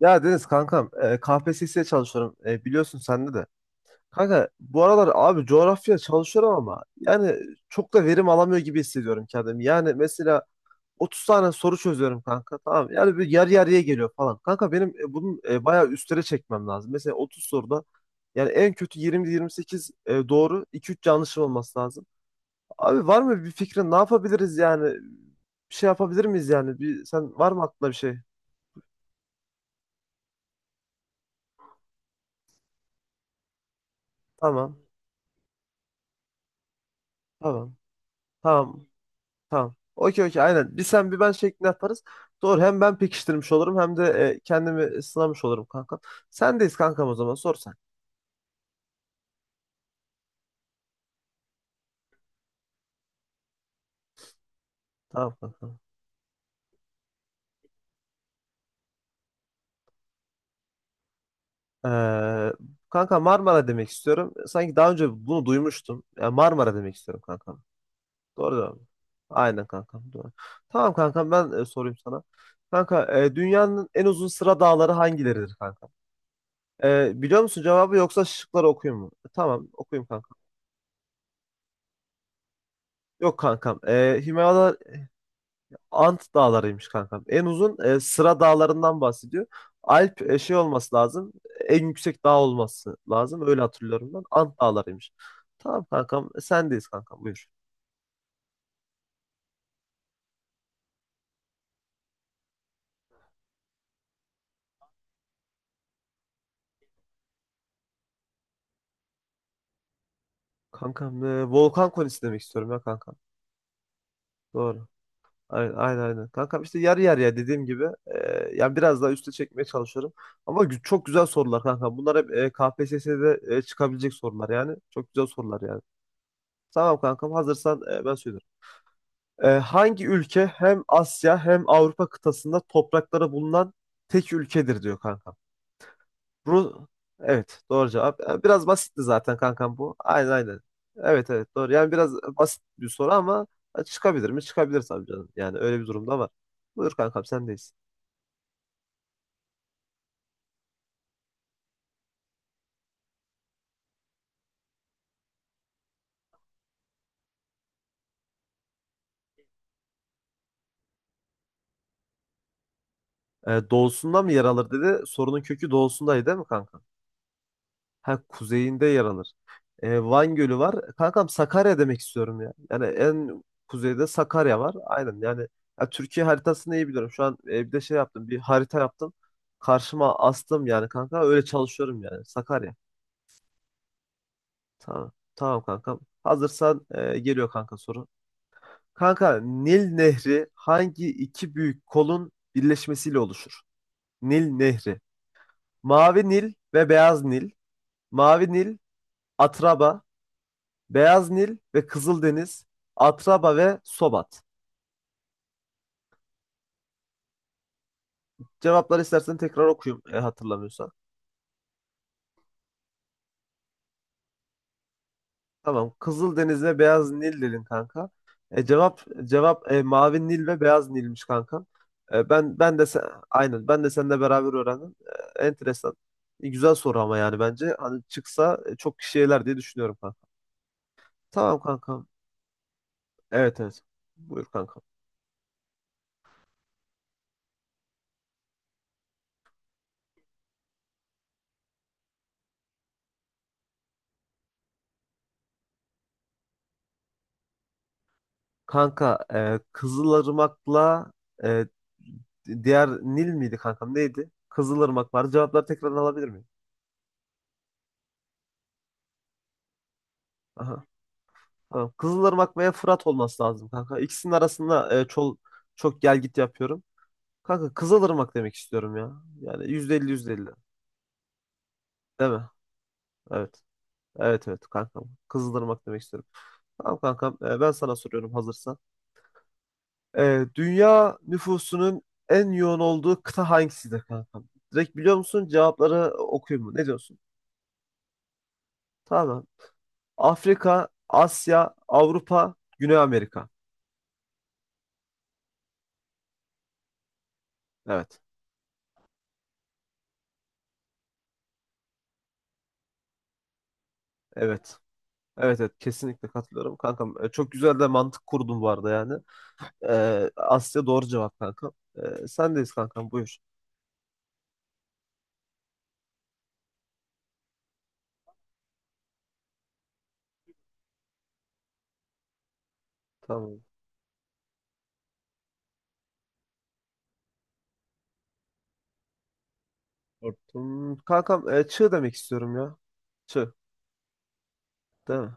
Ya Deniz kankam, KPSS'ye çalışıyorum, biliyorsun sende de. Kanka bu aralar abi coğrafya çalışıyorum ama yani çok da verim alamıyor gibi hissediyorum kendimi. Yani mesela 30 tane soru çözüyorum kanka, tamam mı? Yani bir yarı yarıya geliyor falan. Kanka benim bunun bayağı üstlere çekmem lazım. Mesela 30 soruda yani en kötü 20-28 doğru, 2-3 yanlışım olması lazım. Abi, var mı bir fikrin, ne yapabiliriz yani? Bir şey yapabilir miyiz yani? Bir, sen var mı aklında bir şey? Tamam, tamam, tamam. Tamam. Okey, okey, aynen. Bir sen bir ben şeklinde yaparız. Doğru. Hem ben pekiştirmiş olurum hem de kendimi sınamış olurum kanka. Sendeyiz kankam, o zaman sor sen. Tamam kanka. Ee, kanka Marmara demek istiyorum. Sanki daha önce bunu duymuştum. Yani Marmara demek istiyorum kankam. Doğru değil mi? Aynen kankam, doğru. Tamam kankam, ben sorayım sana. Kanka, dünyanın en uzun sıra dağları hangileridir kankam? Biliyor musun cevabı, yoksa şıkları okuyayım mı? Tamam, okuyayım kankam. Yok kankam. Ant dağlarıymış kankam. En uzun sıra dağlarından bahsediyor. Alp şey olması lazım. En yüksek dağ olması lazım. Öyle hatırlıyorum ben. Ant dağlarıymış. Tamam kankam. Sendeyiz kankam. Buyur. Kankam, volkan konisi demek istiyorum ya kankam. Doğru. Aynen, aynen, aynen. Kankam işte yarı yarıya dediğim gibi, yani biraz daha üste çekmeye çalışıyorum. Ama çok güzel sorular kankam. Bunlar hep KPSS'de çıkabilecek sorular yani. Çok güzel sorular yani. Tamam kankam, hazırsan ben söylüyorum. Hangi ülke hem Asya hem Avrupa kıtasında toprakları bulunan tek ülkedir diyor kankam. Bu, evet, doğru cevap. Biraz basitti zaten kankam bu. Aynen, aynen. Evet evet, doğru. Yani biraz basit bir soru ama çıkabilir mi? Çıkabilir tabii canım. Yani öyle bir durumda var. Buyur kankam, sendeyiz. Doğusunda mı yer alır dedi. Sorunun kökü doğusundaydı değil mi kanka? Ha, kuzeyinde yer alır. Van Gölü var. Kankam Sakarya demek istiyorum ya. Yani en kuzeyde Sakarya var. Aynen yani, ya Türkiye haritasını iyi biliyorum. Şu an bir de şey yaptım. Bir harita yaptım. Karşıma astım yani kanka. Öyle çalışıyorum yani. Sakarya. Tamam. Tamam kankam. Hazırsan geliyor kanka soru. Kanka, Nil Nehri hangi iki büyük kolun birleşmesiyle oluşur? Nil Nehri. Mavi Nil ve Beyaz Nil. Mavi Nil, Atraba, Beyaz Nil ve Kızıldeniz, Atraba ve Sobat. Cevapları istersen tekrar okuyayım, hatırlamıyorsan. Tamam. Kızıldeniz ve Beyaz Nil dedin kanka. Mavi Nil ve Beyaz Nil'miş kanka. E, ben ben de sen, aynen ben de seninle beraber öğrendim. Enteresan. Güzel soru ama yani, bence hani çıksa çok kişi eler diye düşünüyorum kanka. Tamam kanka. Evet evet. Buyur kanka. Kanka, Kızılırmak'la e, diğer Nil miydi kankam neydi? Kızılırmak var. Cevapları tekrardan alabilir miyim? Aha. Tamam. Kızılırmak veya Fırat olması lazım kanka. İkisinin arasında çok, çok gel git yapıyorum. Kanka Kızılırmak demek istiyorum ya. Yani %50 %50. Değil mi? Evet. Evet evet kankam. Kızılırmak demek istiyorum. Tamam kankam, ben sana soruyorum hazırsan. Dünya nüfusunun en yoğun olduğu kıta hangisidir kankam? Direkt biliyor musun? Cevapları okuyayım mı? Ne diyorsun? Tamam. Afrika, Asya, Avrupa, Güney Amerika. Evet. Evet. Evet evet, kesinlikle katılıyorum kankam. Çok güzel de mantık kurdun bu arada yani. Asya doğru cevap kankam. Sendeyiz kankam, buyur. Tamam. Korktum. Kankam, çığ demek istiyorum ya. Çığ. Değil mi?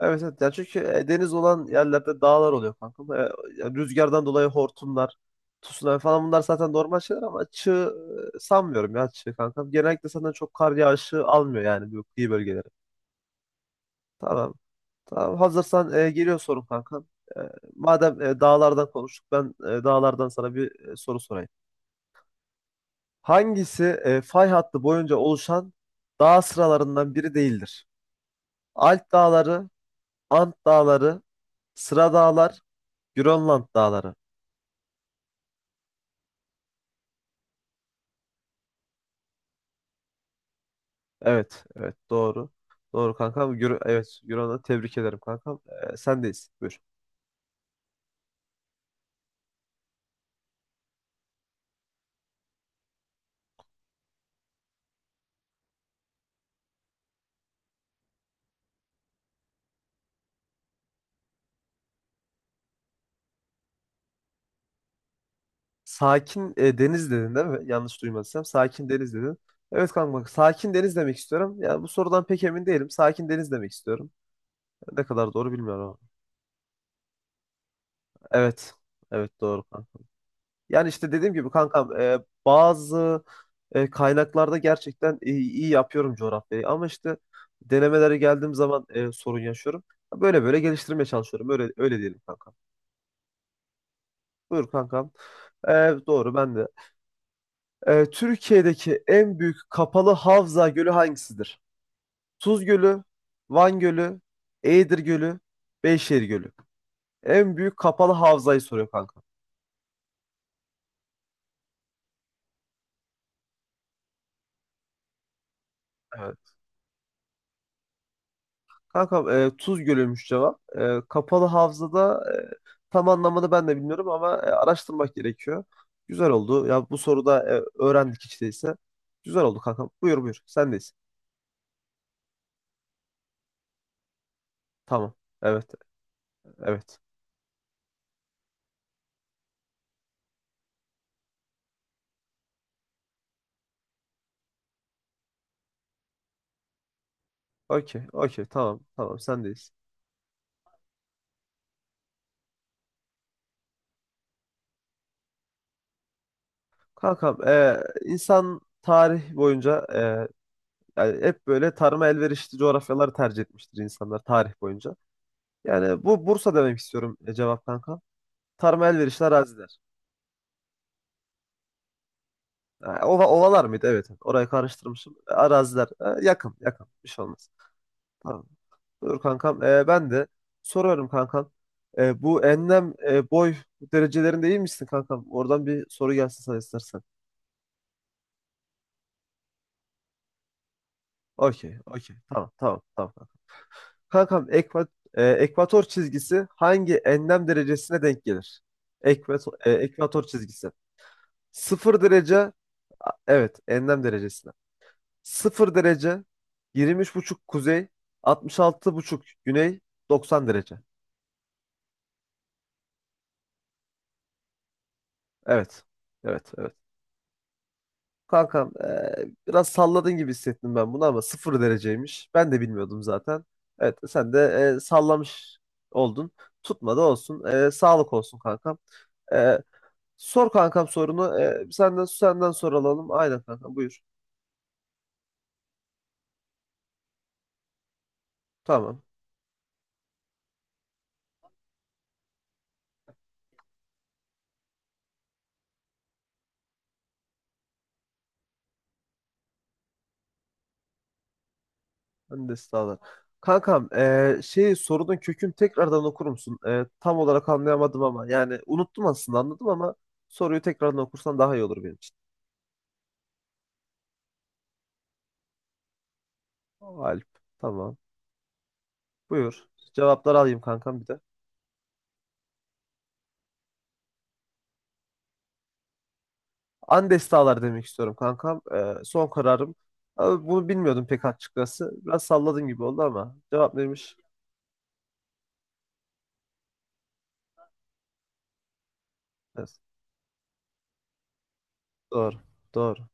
Evet evet ya, çünkü deniz olan yerlerde dağlar oluyor kanka. Ya rüzgardan dolayı hortumlar, tsunami falan bunlar zaten normal şeyler, ama çığ, sanmıyorum ya çığ kanka. Genellikle zaten çok kar yağışı almıyor yani bu kıyı bölgeleri. Tamam. Tamam, hazırsan geliyor sorun kanka. E, madem dağlardan konuştuk, ben dağlardan sana bir soru sorayım. Hangisi fay hattı boyunca oluşan dağ sıralarından biri değildir? Alp dağları, Ant dağları, Sıra dağlar, Grönland dağları. Evet, evet doğru. Doğru kankam. Euro'na tebrik ederim kankam. Sendeyiz. Buyur. Sakin deniz dedin değil mi? Yanlış duymadıysam. Sakin deniz dedin. Evet kankam. Sakin deniz demek istiyorum. Yani bu sorudan pek emin değilim. Sakin deniz demek istiyorum. Ne kadar doğru bilmiyorum ama. Evet. Evet doğru kanka. Yani işte dediğim gibi kankam, bazı kaynaklarda gerçekten iyi yapıyorum coğrafyayı. Ama işte denemelere geldiğim zaman sorun yaşıyorum. Böyle böyle geliştirmeye çalışıyorum. Öyle öyle diyelim kanka. Buyur kankam. Doğru ben de. Türkiye'deki en büyük kapalı havza gölü hangisidir? Tuz Gölü, Van Gölü, Eğirdir Gölü, Beyşehir Gölü. En büyük kapalı havzayı soruyor kanka. Evet. Kankam, Tuz Gölü'ymüş cevap. Kapalı havzada tam anlamını ben de bilmiyorum ama araştırmak gerekiyor. Güzel oldu. Ya bu soruda öğrendik hiç değilse. Güzel oldu kankam. Buyur, buyur. Sendeyiz. Tamam. Evet. Evet. Okey. Okey. Tamam. Tamam. Sendeyiz. Kankam, insan tarih boyunca, yani hep böyle tarıma elverişli coğrafyaları tercih etmiştir insanlar tarih boyunca. Yani bu Bursa demek istiyorum, cevap kanka. Tarıma elverişli araziler. Ha, ovalar mıydı? Evet, evet. Orayı karıştırmışım. Araziler. Yakın, yakın. Bir şey olmaz. Tamam. Buyur kankam. Ben de soruyorum kankam. Bu enlem, boy derecelerinde iyi misin kankam? Oradan bir soru gelsin sana istersen. Okey, okey. Tamam, tamam, tamam. Kankam, ekvator çizgisi hangi enlem derecesine denk gelir? Ekvator, ekvator çizgisi. Sıfır derece, evet, enlem derecesine. Sıfır derece, 23,5 kuzey, 66,5 güney, 90 derece. Evet, evet, evet. Kankam, biraz salladın gibi hissettim ben bunu ama sıfır dereceymiş. Ben de bilmiyordum zaten. Evet, sen de sallamış oldun. Tutmadı olsun. Sağlık olsun kankam. E, Sor kankam sorunu. Senden soru alalım. Aynen kankam, buyur. Tamam. Ben de sağlar. Kankam, şey sorunun kökünü tekrardan okur musun? Tam olarak anlayamadım ama yani unuttum, aslında anladım ama soruyu tekrardan okursan daha iyi olur benim için. Alp. Tamam. Buyur. Cevapları alayım kankam bir de. Andes Dağlar demek istiyorum kankam. Son kararım. Abi bunu bilmiyordum pek açıkçası. Biraz salladım gibi oldu ama. Cevap neymiş? Evet. Doğru. Doğru.